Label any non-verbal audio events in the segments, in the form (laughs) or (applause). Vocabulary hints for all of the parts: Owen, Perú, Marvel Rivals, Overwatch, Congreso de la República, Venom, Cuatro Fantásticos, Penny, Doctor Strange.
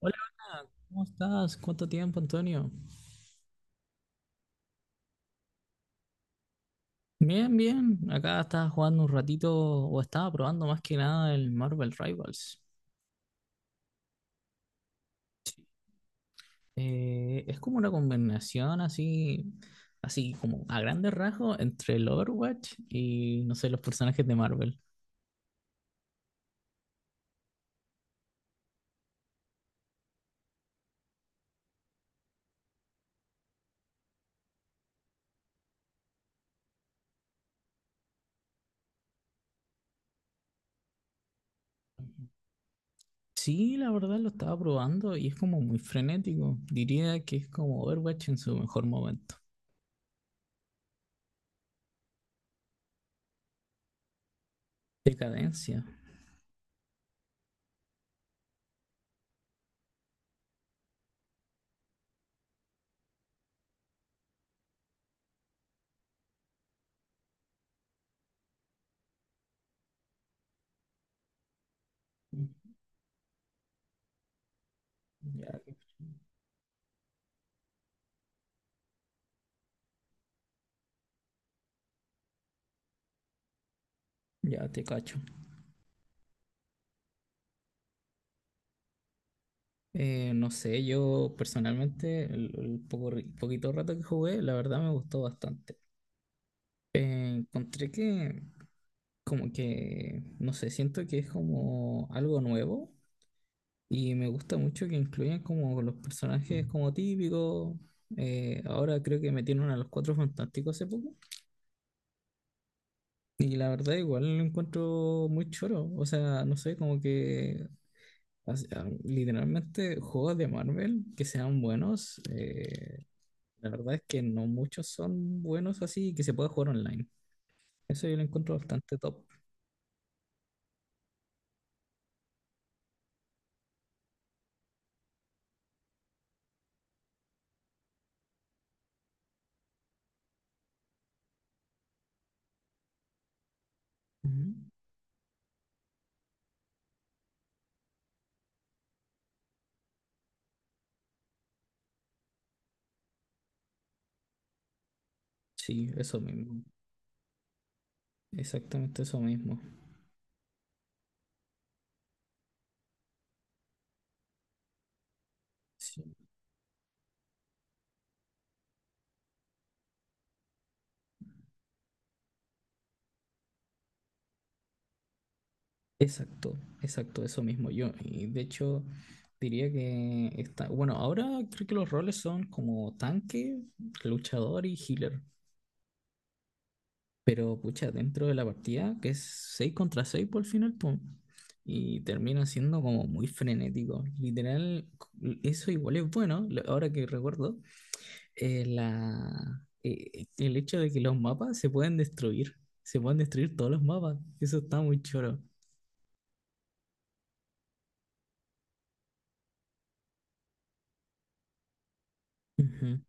Hola, Ana, ¿cómo estás? ¿Cuánto tiempo, Antonio? Bien, bien. Acá estaba jugando un ratito o estaba probando más que nada el Marvel Rivals. Es como una combinación así, así como a grandes rasgos entre el Overwatch y no sé, los personajes de Marvel. Sí, la verdad lo estaba probando y es como muy frenético. Diría que es como Overwatch en su mejor momento. Decadencia. Ya, ya te cacho. No sé, yo personalmente, el poco, poquito rato que jugué, la verdad me gustó bastante. Encontré que, como que, no sé, siento que es como algo nuevo y me gusta mucho que incluyan como los personajes como típicos. Ahora creo que metieron a los Cuatro Fantásticos hace poco y la verdad igual lo encuentro muy choro. O sea, no sé, como que, o sea, literalmente juegos de Marvel que sean buenos. La verdad es que no muchos son buenos así que se pueda jugar online. Eso yo lo encuentro bastante top. Ujú. Sí, eso mismo. Exactamente eso mismo. Sí, exacto, exacto, eso mismo. Yo, y de hecho, diría que está. Bueno, ahora creo que los roles son como tanque, luchador y healer. Pero pucha, dentro de la partida, que es 6 contra 6 por el final, pum, y termina siendo como muy frenético. Literal, eso igual es bueno, ahora que recuerdo, el hecho de que los mapas se pueden destruir. Se pueden destruir todos los mapas. Eso está muy choro. Ujú.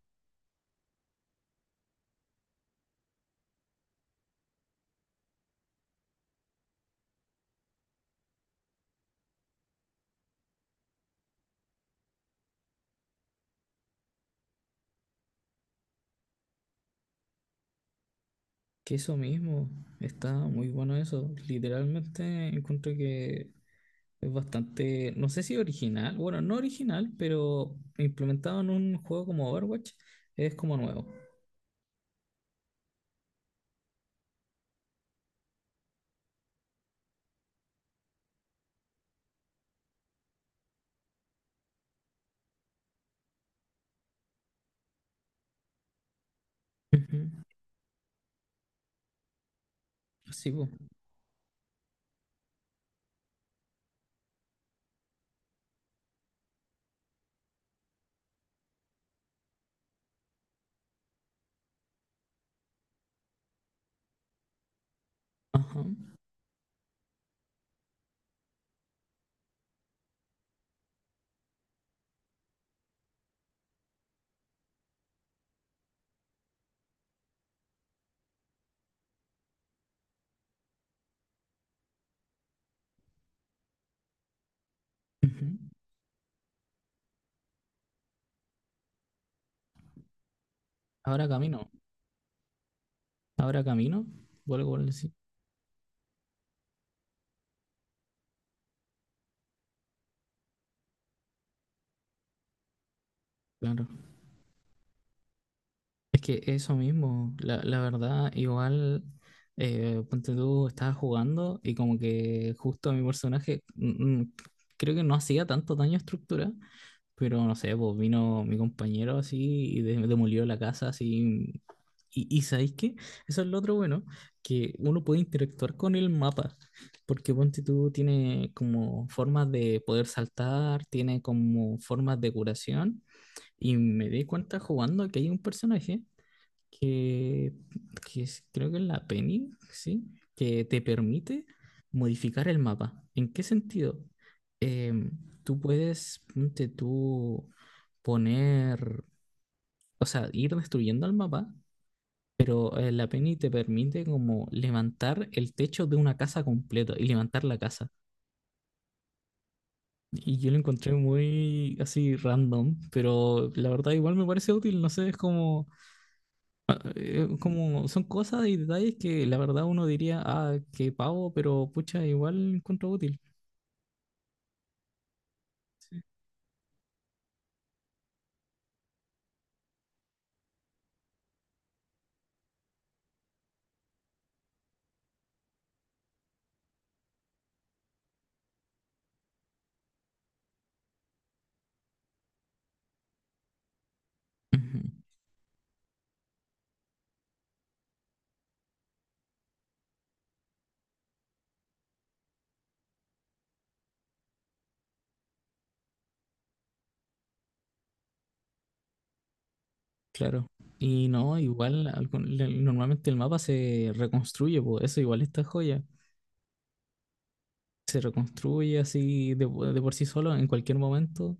Que eso mismo, está muy bueno eso. Literalmente encuentro que es bastante, no sé si original, bueno, no original, pero implementado en un juego como Overwatch, es como nuevo. Ujú. Sí, po. Ajá. Ujú. Ahora camino, ahora camino, vuelvo a decir. Es que eso mismo, la verdad, igual, ponte tú, estaba jugando y como que justo mi personaje, creo que no hacía tanto daño a estructura, pero no sé, pues vino mi compañero así demolió la casa así. Y ¿sabéis qué? Eso es lo otro bueno, que uno puede interactuar con el mapa, porque ponte tú tiene como formas de poder saltar, tiene como formas de curación, y me di cuenta jugando que hay un personaje que, creo que es la Penny, ¿sí? Que te permite modificar el mapa. ¿En qué sentido? Em, Tú puedes, ponte tú, poner, o sea, ir destruyendo el mapa, pero la Penny te permite como levantar el techo de una casa completa y levantar la casa. Y yo lo encontré muy así random, pero la verdad igual me parece útil, no sé, es como ah, como son cosas y detalles que la verdad uno diría, ah, qué pavo, pero pucha, igual encuentro útil. Ujú, claro. Y no, normalmente el mapa se reconstruye, por eso igual esta joya. Se reconstruye así de, de por sí solo en cualquier momento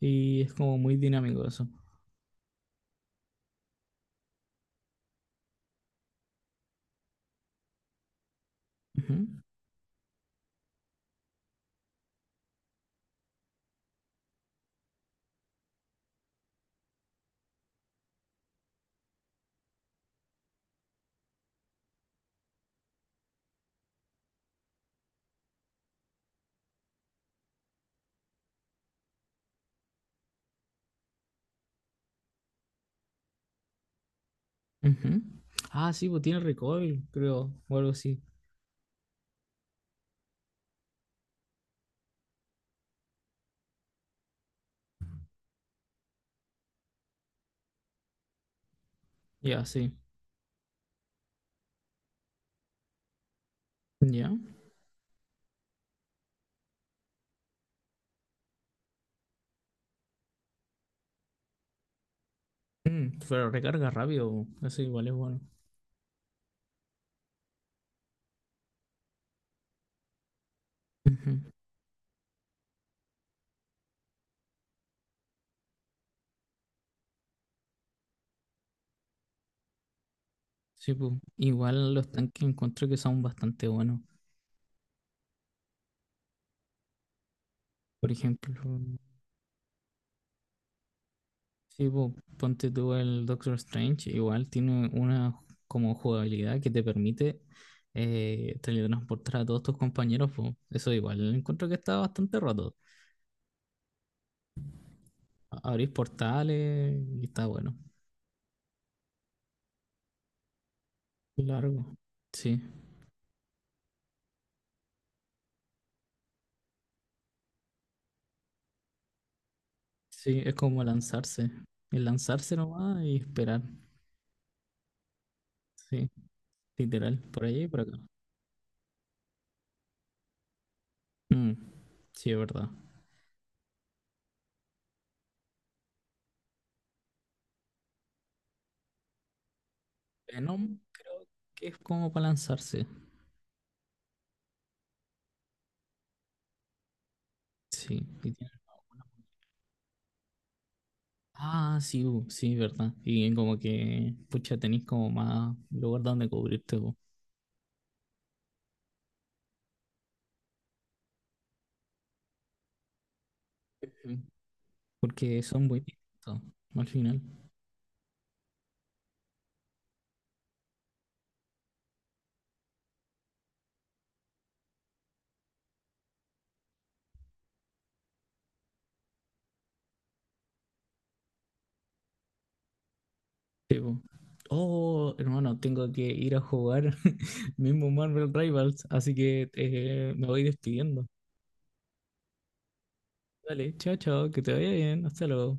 y es como muy dinámico eso. Ujú, ujú. Ah, sí, pues tiene recoil, creo, o algo así. Ya, sí. Ya. Mm, pero recarga rápido, po, eso igual es bueno. Ujú. Sí, po. Igual los tanques encuentro que son bastante buenos. Por ejemplo, sí, po, ponte tú el Doctor Strange, igual tiene una como jugabilidad que te permite teletransportar a todos tus compañeros, po. Eso igual encuentro que está bastante roto. Abrís portales y está bueno. Largo. Sí, sí, es como lanzarse. Es lanzarse nomás y esperar. Sí, literal, por allí y por acá. Mm, sí, es verdad. Venom creo que es como para lanzarse. Sí. Ah, sí, bu, sí, verdad. Y como que, pucha, tenéis como más lugar donde cubrirte, bu. Ujú. Porque son muy distintos al final. Sí, bu. Oh, hermano, tengo que ir a jugar (laughs) mismo Marvel Rivals, así que me voy despidiendo. Dale, chao, chao, que te vaya bien, hasta luego.